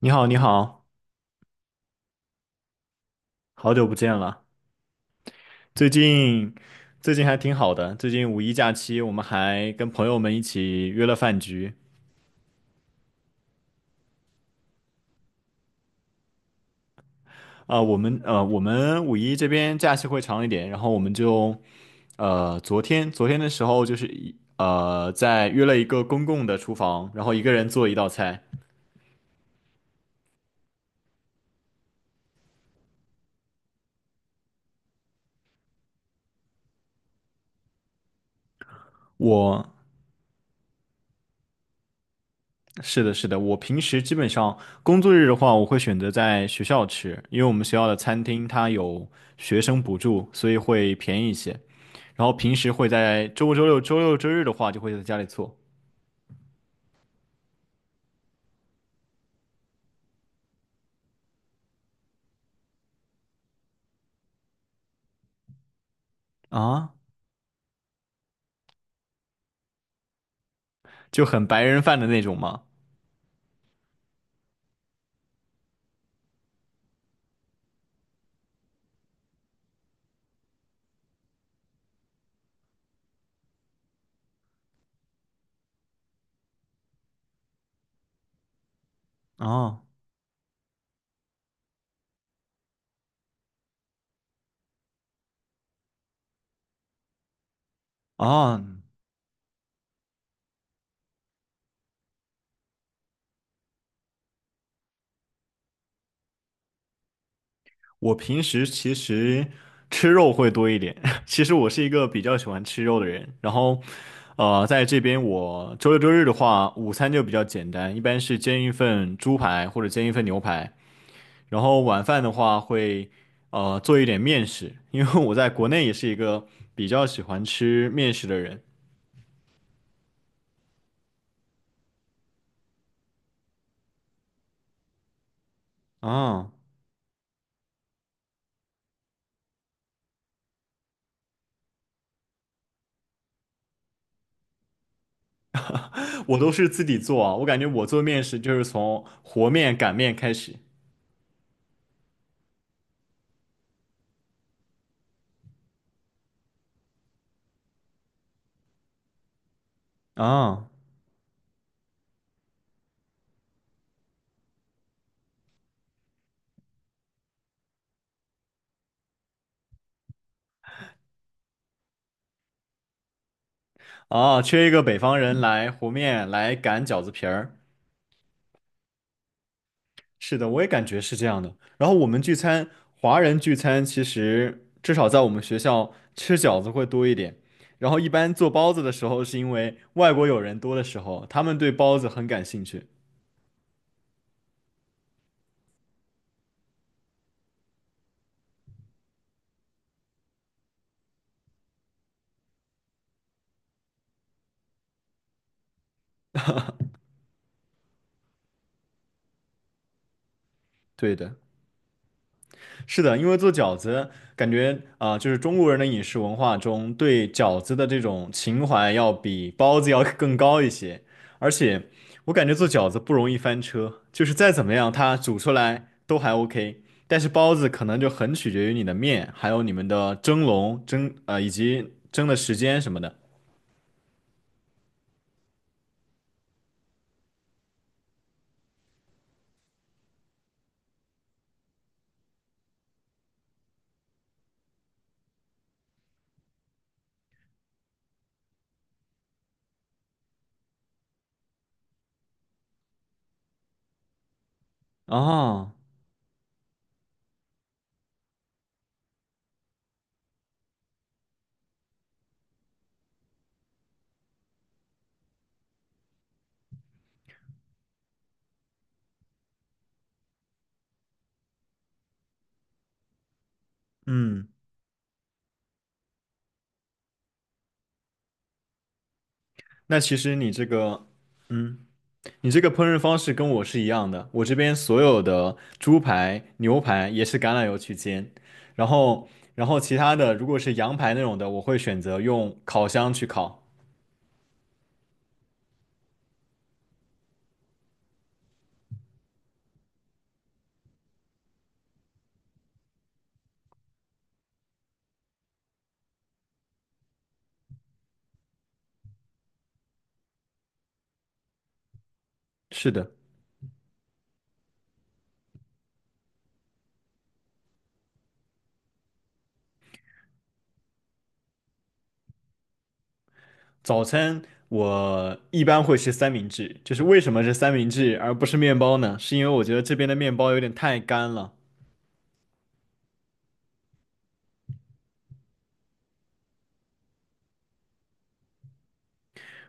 你好，你好，好久不见了。最近最近还挺好的。最近五一假期，我们还跟朋友们一起约了饭局。啊、我们五一这边假期会长一点，然后我们就呃，昨天的时候就是一呃，在约了一个公共的厨房，然后一个人做一道菜。我是的，是的，我平时基本上工作日的话，我会选择在学校吃，因为我们学校的餐厅它有学生补助，所以会便宜一些。然后平时会在周五、周六、周六、周日的话，就会在家里做。啊，就很白人饭的那种嘛。啊，啊！我平时其实吃肉会多一点，其实我是一个比较喜欢吃肉的人。然后，在这边我周六周日的话，午餐就比较简单，一般是煎一份猪排或者煎一份牛排。然后晚饭的话会，做一点面食，因为我在国内也是一个比较喜欢吃面食的人。哦，我都是自己做啊，我感觉我做面食就是从和面、擀面开始。啊，啊，缺一个北方人来和面，来擀饺子皮儿。是的，我也感觉是这样的。然后我们聚餐，华人聚餐其实至少在我们学校吃饺子会多一点。然后一般做包子的时候，是因为外国友人多的时候，他们对包子很感兴趣。对的。是的，因为做饺子，感觉啊、就是中国人的饮食文化中对饺子的这种情怀要比包子要更高一些。而且，我感觉做饺子不容易翻车，就是再怎么样，它煮出来都还 OK。但是包子可能就很取决于你的面，还有你们的蒸笼、蒸啊，以及蒸的时间什么的。哦，嗯，那其实你这个，嗯。你这个烹饪方式跟我是一样的，我这边所有的猪排、牛排也是橄榄油去煎，然后，然后其他的如果是羊排那种的，我会选择用烤箱去烤。是的，早餐我一般会吃三明治，就是为什么是三明治而不是面包呢？是因为我觉得这边的面包有点太干了。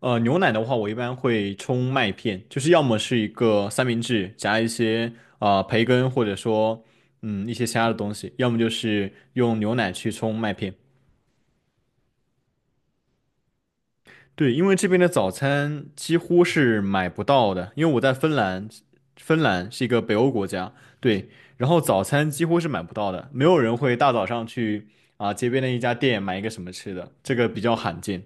牛奶的话，我一般会冲麦片，就是要么是一个三明治夹一些培根，或者说嗯一些其他的东西，要么就是用牛奶去冲麦片。对，因为这边的早餐几乎是买不到的，因为我在芬兰，芬兰是一个北欧国家，对，然后早餐几乎是买不到的，没有人会大早上去啊、街边的一家店买一个什么吃的，这个比较罕见。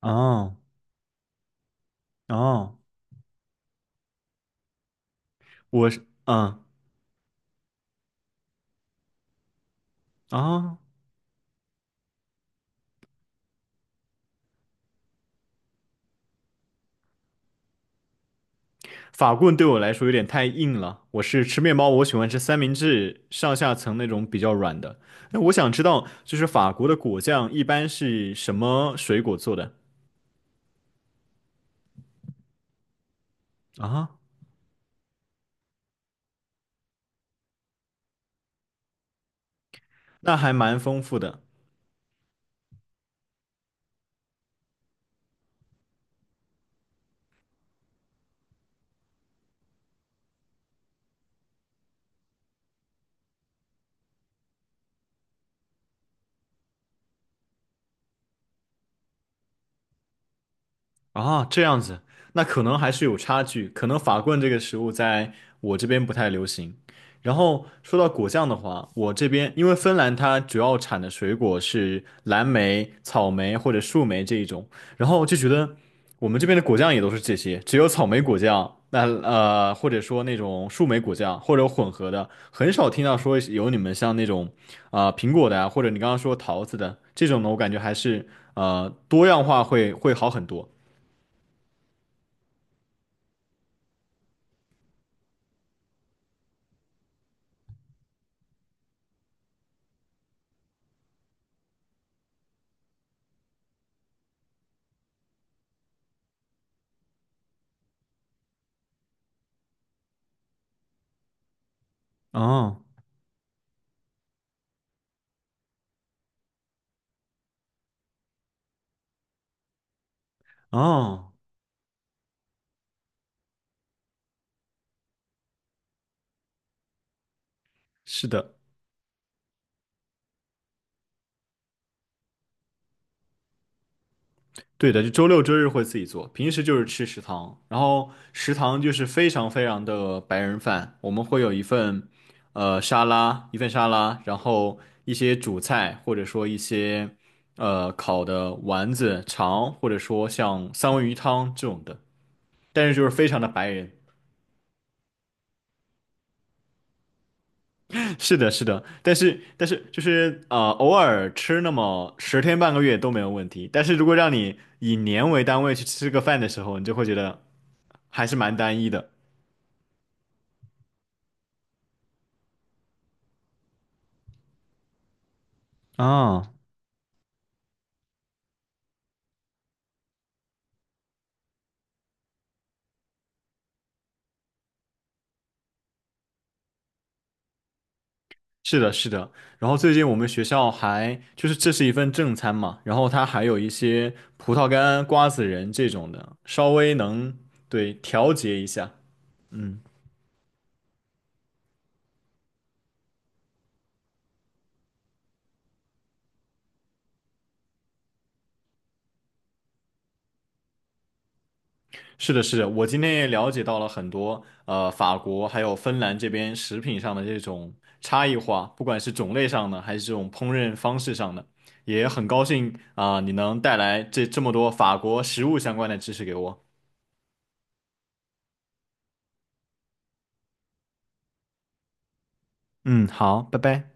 哦，哦，我是嗯啊。法棍对我来说有点太硬了。我是吃面包，我喜欢吃三明治上下层那种比较软的。那我想知道，就是法国的果酱一般是什么水果做的啊？那还蛮丰富的。啊，这样子，那可能还是有差距，可能法棍这个食物在我这边不太流行。然后说到果酱的话，我这边因为芬兰它主要产的水果是蓝莓、草莓或者树莓这一种，然后就觉得我们这边的果酱也都是这些，只有草莓果酱，那或者说那种树莓果酱或者混合的，很少听到说有你们像那种啊、苹果的啊，或者你刚刚说桃子的这种呢，我感觉还是多样化会好很多。哦，哦，是的，对的，就周六周日会自己做，平时就是吃食堂，然后食堂就是非常非常的白人饭，我们会有一份沙拉，一份沙拉，然后一些主菜，或者说一些烤的丸子、肠，或者说像三文鱼汤这种的，但是就是非常的白人。是的，是的，但是就是偶尔吃那么十天半个月都没有问题。但是如果让你以年为单位去吃个饭的时候，你就会觉得还是蛮单一的。啊，是的，是的。然后最近我们学校还就是这是一份正餐嘛，然后它还有一些葡萄干、瓜子仁这种的，稍微能对调节一下。嗯。是的，是的，我今天也了解到了很多，法国还有芬兰这边食品上的这种差异化，不管是种类上的，还是这种烹饪方式上的，也很高兴啊，你能带来这么多法国食物相关的知识给我。嗯，好，拜拜。